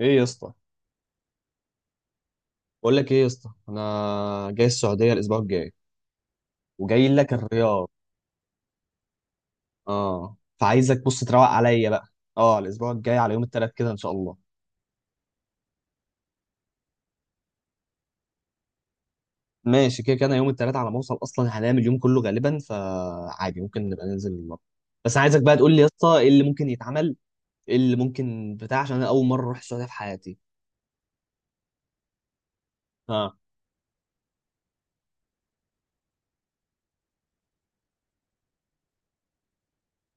ايه يا اسطى، بقول لك ايه يا اسطى، انا جاي السعوديه الاسبوع الجاي وجاي لك الرياض. اه فعايزك بص تروق عليا بقى. اه الاسبوع الجاي على يوم الثلاث كده ان شاء الله. ماشي كده كده انا يوم الثلاث على ما اوصل اصلا هنام اليوم كله غالبا فعادي ممكن نبقى ننزل النهارده. بس عايزك بقى تقول لي يا اسطى ايه اللي ممكن يتعمل، ايه اللي ممكن بتاع عشان انا اول مره اروح السعوديه في حياتي. اه.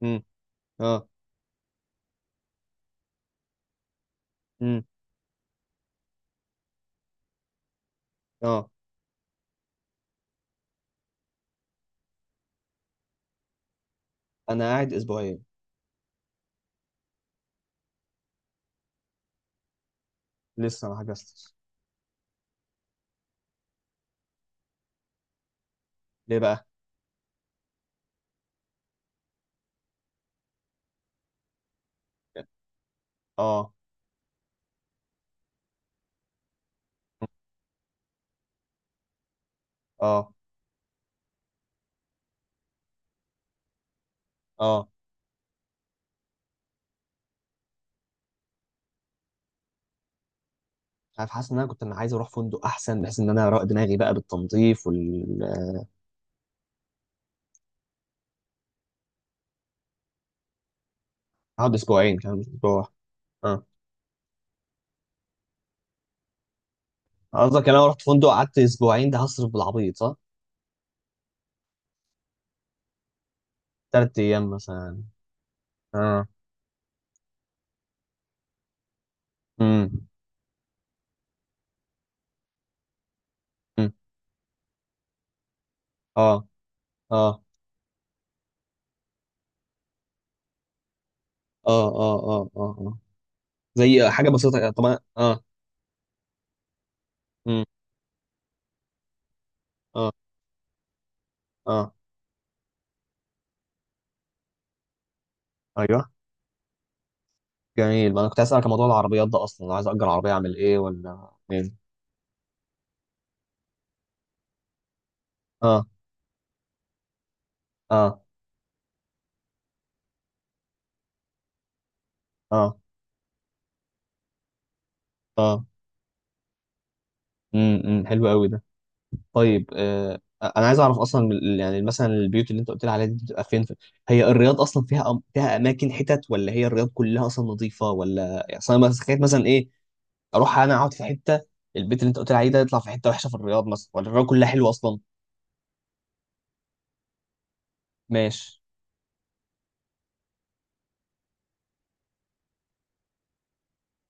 امم. اه. امم. اه. انا قاعد اسبوعين. لسه ما حجزتش. ليه بقى؟ اه. اه. اه. عارف، حاسس ان انا كنت انا عايز اروح فندق احسن بحيث ان انا ارق دماغي بقى بالتنظيف اقعد اسبوعين كمان مش اسبوع واحد. اه. قصدك انا لو رحت فندق قعدت اسبوعين ده هصرف بالعبيط صح؟ تلات ايام مثلا. اه. امم. أمم. اه اه اه اه اه اه آه. زي حاجه بسيطه طبعا اه. امم. اه. اه. ايوه. جميل، ما انا كنت اسالك عن موضوع العربيات ده اصلا، لو عايز اجر عربيه اعمل ايه ولا إيه؟ اه. اه. اه. اه. امم. أمم. حلو قوي ده. طيب انا عايز اعرف اصلا يعني مثلا البيوت اللي انت قلت لي عليها دي بتبقى فين هي الرياض اصلا فيها فيها اماكن حتت ولا هي الرياض كلها اصلا نظيفه ولا يعني، اصلا انا تخيل مثلا ايه، اروح انا اقعد في حته، البيت اللي انت قلت لي عليه ده يطلع في حته وحشه في الرياض مثلا ولا الرياض كلها حلوه اصلا؟ ماشي.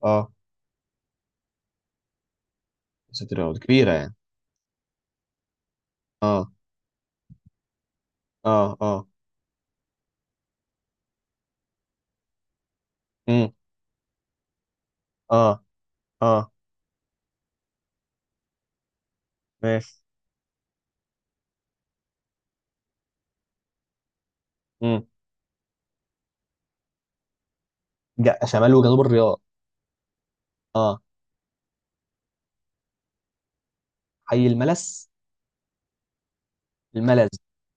اه. مسافه الرياض كبيره يعني. اه. اه. اه. امم. اه. اه. ماشي. امم. شمال وجنوب الرياض؟ اه. حي الملس. الملز.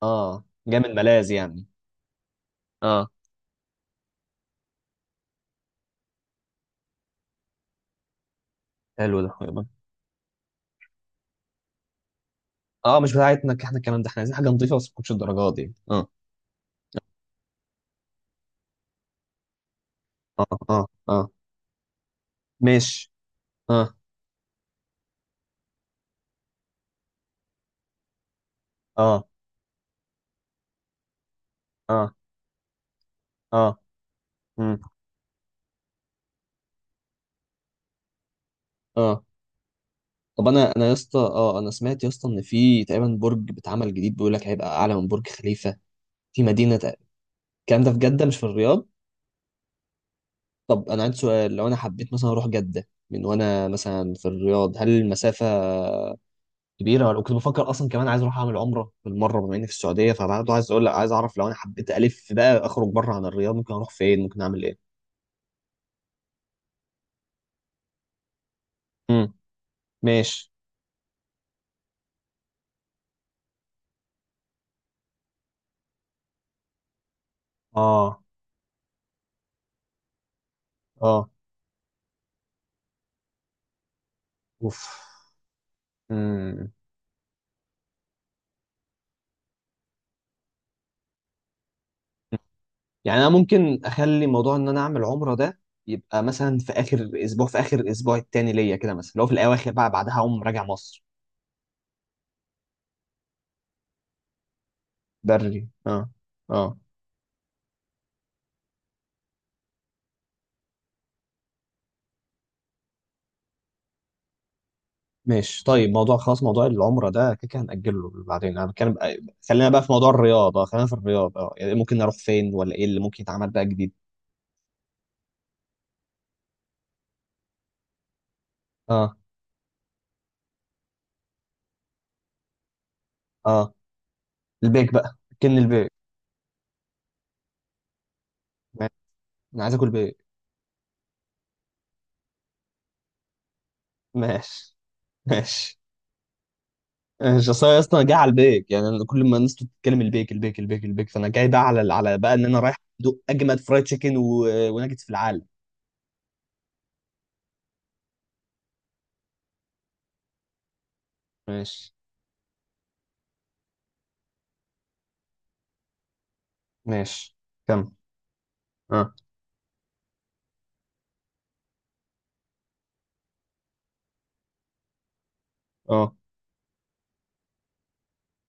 اه، جاي من ملاذ يعني. اه. حلو ده. اه مش بتاعتنا احنا الكلام ده، احنا عايزين حاجه نظيفه بس ما تكونش الدرجات دي، اه. اه اه اه. ماشي. اه. اه. اه. اه. مم. اه. طب انا يا اسطى، اه انا سمعت يا اسطى ان في تقريبا برج بيتعمل جديد بيقول لك هيبقى اعلى من برج خليفه في الكلام ده في جده مش في الرياض. طب انا عندي سؤال، لو انا حبيت مثلا اروح جده من وانا مثلا في الرياض هل المسافه كبيره، ولا كنت بفكر اصلا كمان عايز اروح اعمل عمره بالمره بما اني في السعوديه، فبرضه عايز اقول لك، عايز اعرف لو انا حبيت الف بقى اخرج بره عن الرياض ممكن اروح فين، ممكن اعمل ايه؟ امم. ماشي. اه. اه. اوف. امم. يعني انا ممكن اخلي موضوع ان انا اعمل عمره ده يبقى مثلا في اخر اسبوع، في اخر الاسبوع التاني ليا كده مثلا، لو في الاواخر بقى بعدها اقوم راجع مصر. بري، اه. اه. ماشي، طيب موضوع خلاص، موضوع العمرة ده كده كده هنأجله بعدين، انا بتكلم خلينا بقى في موضوع الرياضة، خلينا في الرياضة، اه يعني إيه ممكن نروح فين، ولا ايه اللي ممكن يتعمل بقى جديد؟ اه. اه. البيك بقى. كن البيك. ماشي. انا عايز اكل بيك. ماشي. ماشي. ماشي، اصل أنا اصلا جاي على البيك، يعني أنا كل ما الناس بتتكلم البيك البيك البيك البيك فانا جاي بقى على بقى ان انا رايح ادوق اجمد فرايد تشيكن وناجتس في العالم. ماشي. ماشي. كم. اه. اه.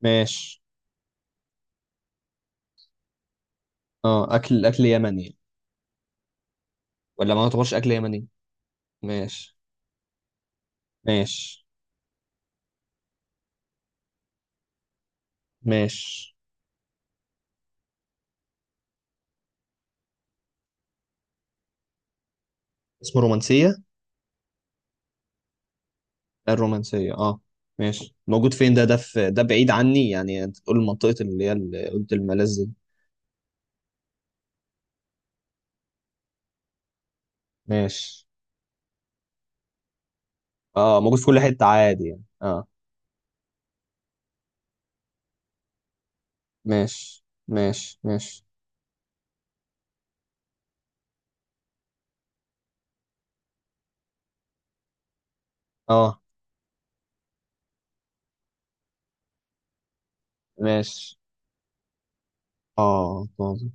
ماشي. اه. اكل اكل يمني ولا ما يعتبرش اكل يمني؟ ماشي. ماشي. ماشي. اسمه رومانسية؟ الرومانسية، اه. ماشي، موجود فين ده؟ ده في ده بعيد عني يعني، انت تقول المنطقة اللي هي اللي قلت الملاذ دي؟ ماشي. اه موجود في كل حتة عادي يعني، اه. ماشي ماشي ماشي. اه. ماشي. اه طازج.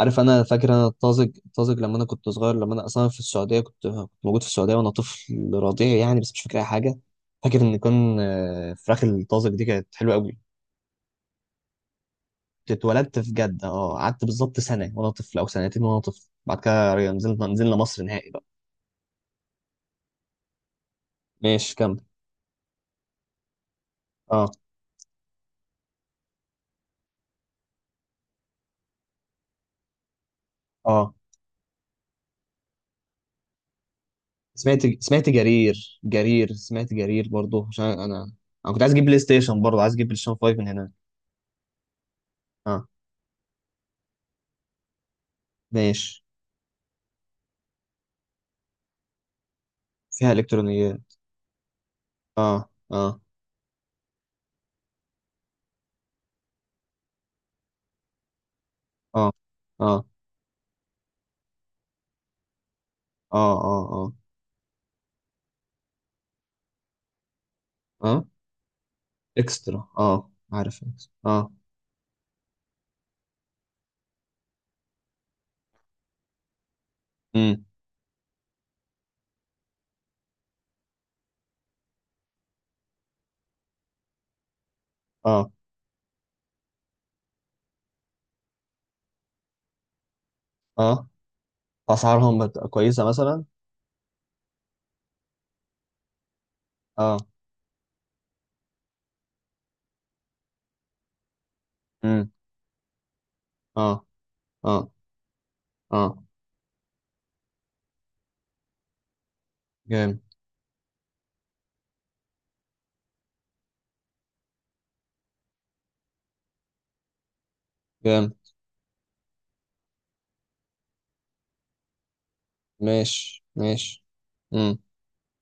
عارف، انا فاكر انا الطازج، الطازج لما انا كنت صغير، لما انا اصلا في السعودية كنت موجود في السعودية وانا طفل رضيع يعني، بس مش فاكر اي حاجة. فاكر ان كان فراخ الطازج دي كانت حلوة قوي. اتولدت في جدة اه، قعدت بالظبط سنة وانا طفل او سنتين وانا طفل، بعد كده نزلنا مصر نهائي بقى. ماشي كمل. اه. اه. سمعت جرير سمعت جرير برضو، عشان انا انا كنت عايز اجيب بلاي ستيشن، برضو عايز اجيب بلاي ستيشن 5 من هنا. اه. ماشي. فيها الكترونيات. اه اه اه اه اه اه اه. اه اكسترا، اه عارف إكسترا. اه. امم. اه. اه. اسعارهم كويسة مثلا؟ اه. امم. اه. اه. اه. جامد. جامد. ماشي ماشي. امم.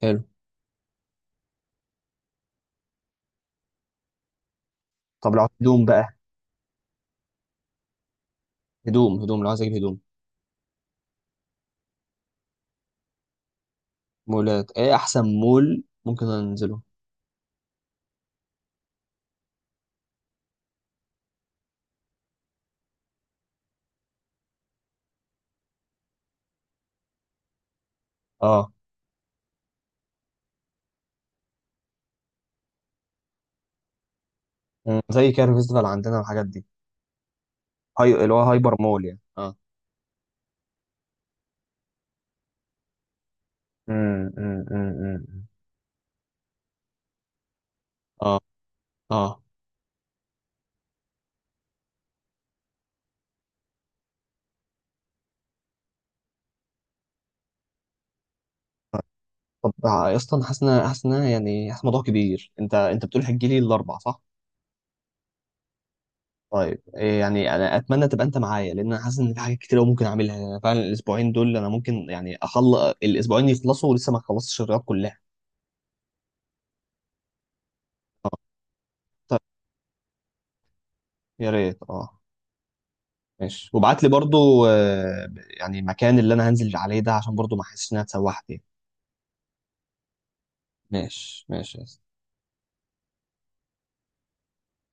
حلو. طب لو هدوم بقى، هدوم، هدوم لو عايز اجيب هدوم. مولات ايه احسن مول ممكن انزله؟ اه. مم. زي كده فيستيفال عندنا والحاجات دي، هاي اللي هو هايبر مول يعني، اه. امم. اه. اه. طب يا اسطى، انا حاسس ان أنا يعني حاسس الموضوع كبير، انت بتقول هتجي لي الاربع صح؟ طيب إيه يعني، انا اتمنى تبقى انت معايا لان انا حاسس ان في حاجات كتير أوي ممكن اعملها، يعني فعلا الاسبوعين دول انا ممكن يعني اخلص الاسبوعين يخلصوا ولسه ما خلصتش الرياض كلها. طيب. يا ريت اه. ماشي، وابعت لي برضو يعني المكان اللي انا هنزل عليه ده عشان برضو ما احسش انها اتسوحت يعني. ماشي ماشي.